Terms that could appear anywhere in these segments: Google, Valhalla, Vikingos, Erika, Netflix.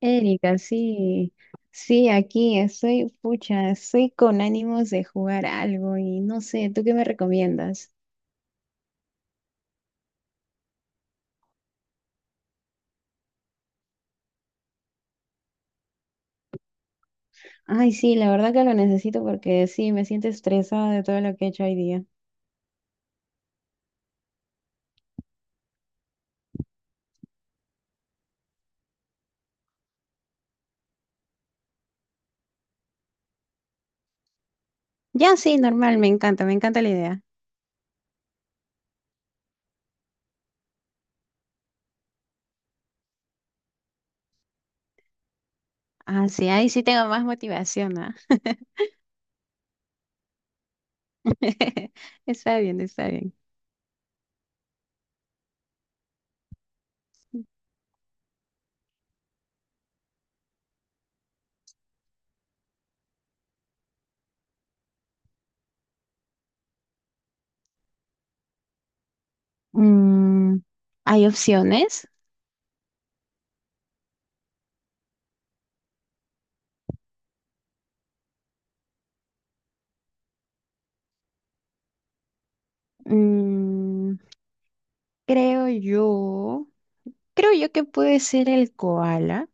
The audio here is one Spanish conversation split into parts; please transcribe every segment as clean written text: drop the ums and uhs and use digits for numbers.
Erika, sí, sí, aquí estoy, pucha, estoy con ánimos de jugar algo y no sé, ¿tú qué me recomiendas? Ay, sí, la verdad que lo necesito porque sí, me siento estresada de todo lo que he hecho hoy día. Ya, sí, normal, me encanta la idea. Ah, sí, ahí sí tengo más motivación, ¿ah? Está bien, está bien. Mm, ¿Hay opciones? Mm, creo yo, creo yo que puede ser el koala.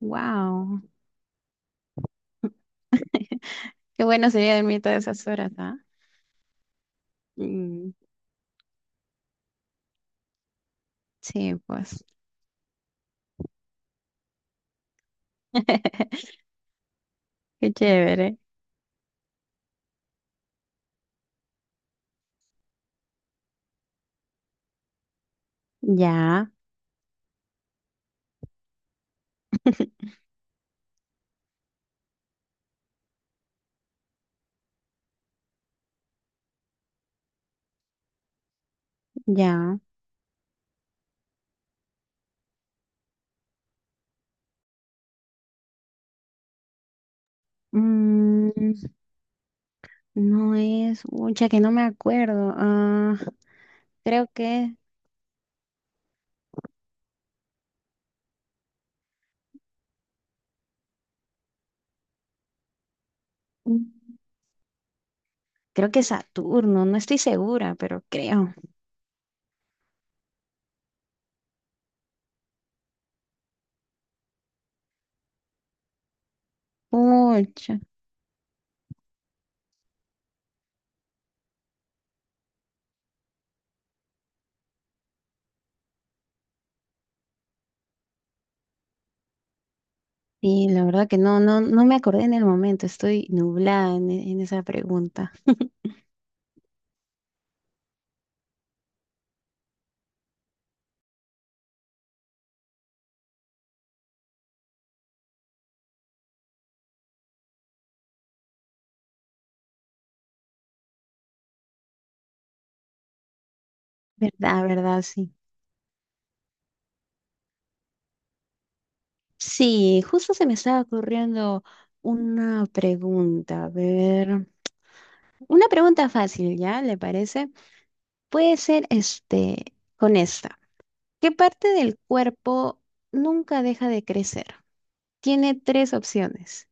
Wow. Qué bueno sería dormir todas esas horas, ¿ah? Mm, sí, pues. Qué chévere. Ya, ya. Mm, no es, mucha que no me acuerdo. Ah, creo que, creo que Saturno, no estoy segura, pero creo. Pucha. Y la verdad que no, no, no me acordé en el momento, estoy nublada en esa pregunta. ¿Verdad, verdad? Sí. Sí, justo se me estaba ocurriendo una pregunta, a ver, una pregunta fácil, ¿ya? ¿Le parece? Puede ser este, con esta. ¿Qué parte del cuerpo nunca deja de crecer? Tiene tres opciones.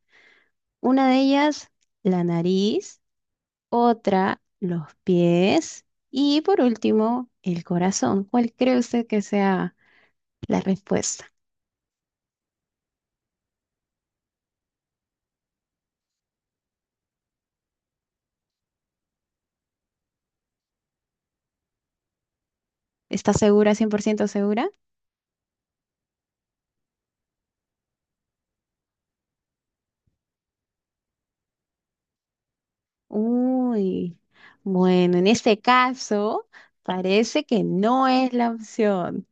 Una de ellas, la nariz, otra, los pies y por último, el corazón. ¿Cuál cree usted que sea la respuesta? ¿Está segura, 100% segura? Uy, bueno, en este caso parece que no es la opción.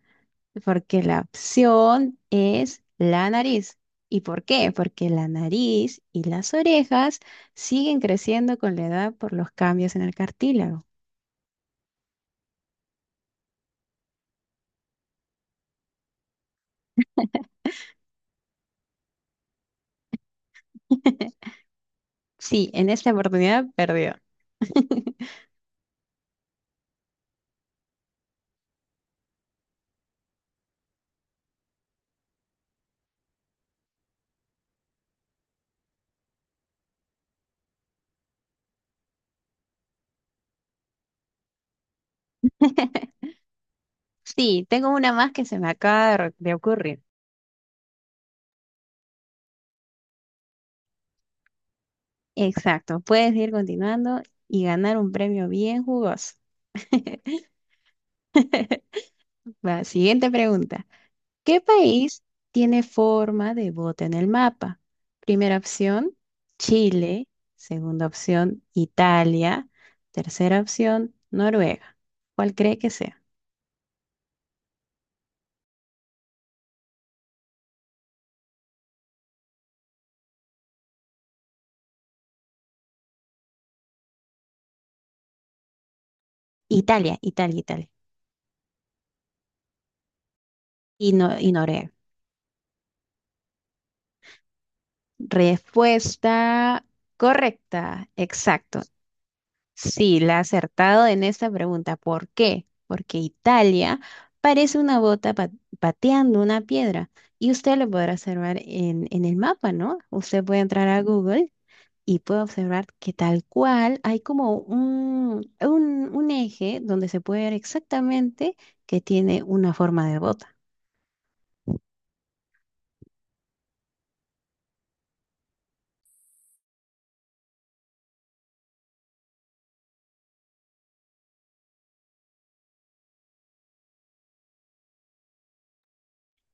Porque la opción es la nariz. ¿Y por qué? Porque la nariz y las orejas siguen creciendo con la edad por los cambios en el cartílago. Sí, en esta oportunidad perdió. Sí, tengo una más que se me acaba de ocurrir. Exacto, puedes ir continuando y ganar un premio bien jugoso. Va, siguiente pregunta. ¿Qué país tiene forma de bote en el mapa? Primera opción, Chile. Segunda opción, Italia. Tercera opción, Noruega. ¿Cuál cree que sea? Italia, Italia, Italia. Y, no, y Noruega. Respuesta correcta, exacto. Sí, la ha acertado en esta pregunta. ¿Por qué? Porque Italia parece una bota pa- pateando una piedra y usted lo podrá observar en el mapa, ¿no? Usted puede entrar a Google y puede observar que tal cual hay como un eje donde se puede ver exactamente que tiene una forma de bota.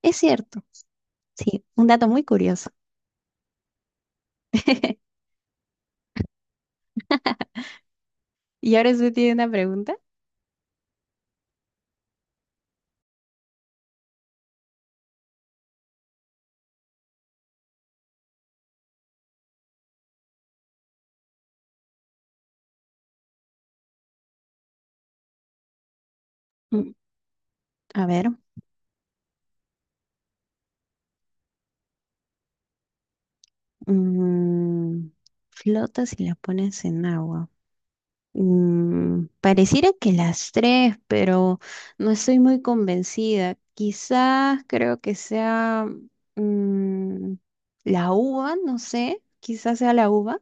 Es cierto. Sí, un dato muy curioso. ¿Y ahora usted tiene una pregunta? Mm, A ver. Mm, flota si la pones en agua. Pareciera que las tres, pero no estoy muy convencida. Quizás creo que sea mm, la uva, no sé. Quizás sea la uva.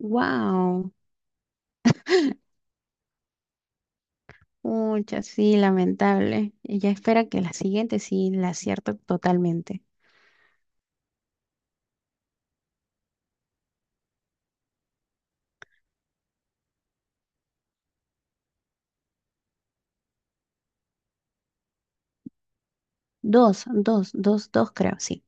Wow, mucha, sí, lamentable. Ella espera que la siguiente sí la acierto totalmente. Dos, dos, dos, dos, creo, sí.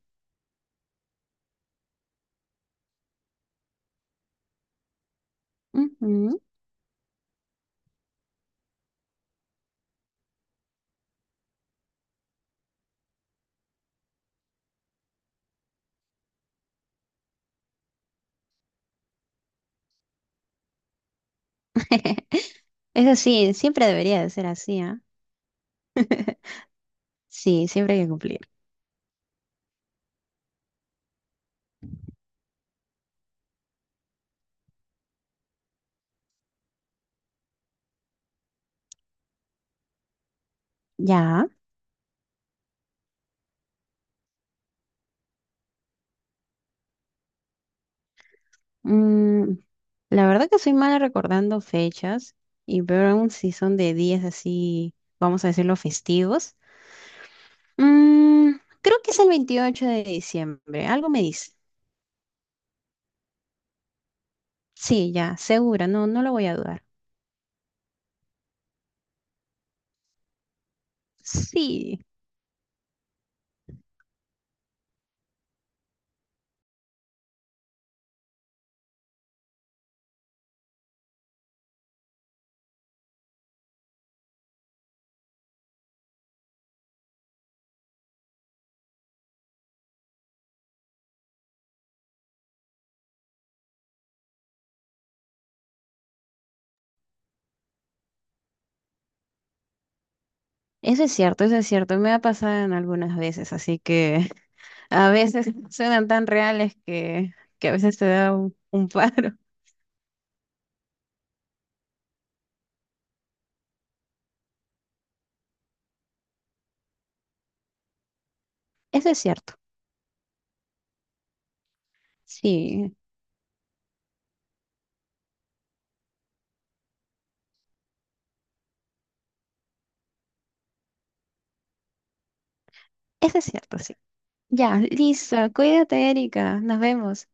Ujú. Es así, siempre debería de ser así, ¿ah? Sí, siempre hay que cumplir. Ya. mm, la verdad que soy mala recordando fechas y peor aún si son de días así, vamos a decirlo, festivos. Mm, creo que es el 28 de diciembre, algo me dice. Sí, ya, segura, no, no lo voy a dudar. Sí, eso es cierto, me ha pasado en algunas veces, así que a veces suenan tan reales que a veces te da un paro. Eso es cierto, sí, eso es cierto, sí. Ya, listo. Cuídate, Erika. Nos vemos.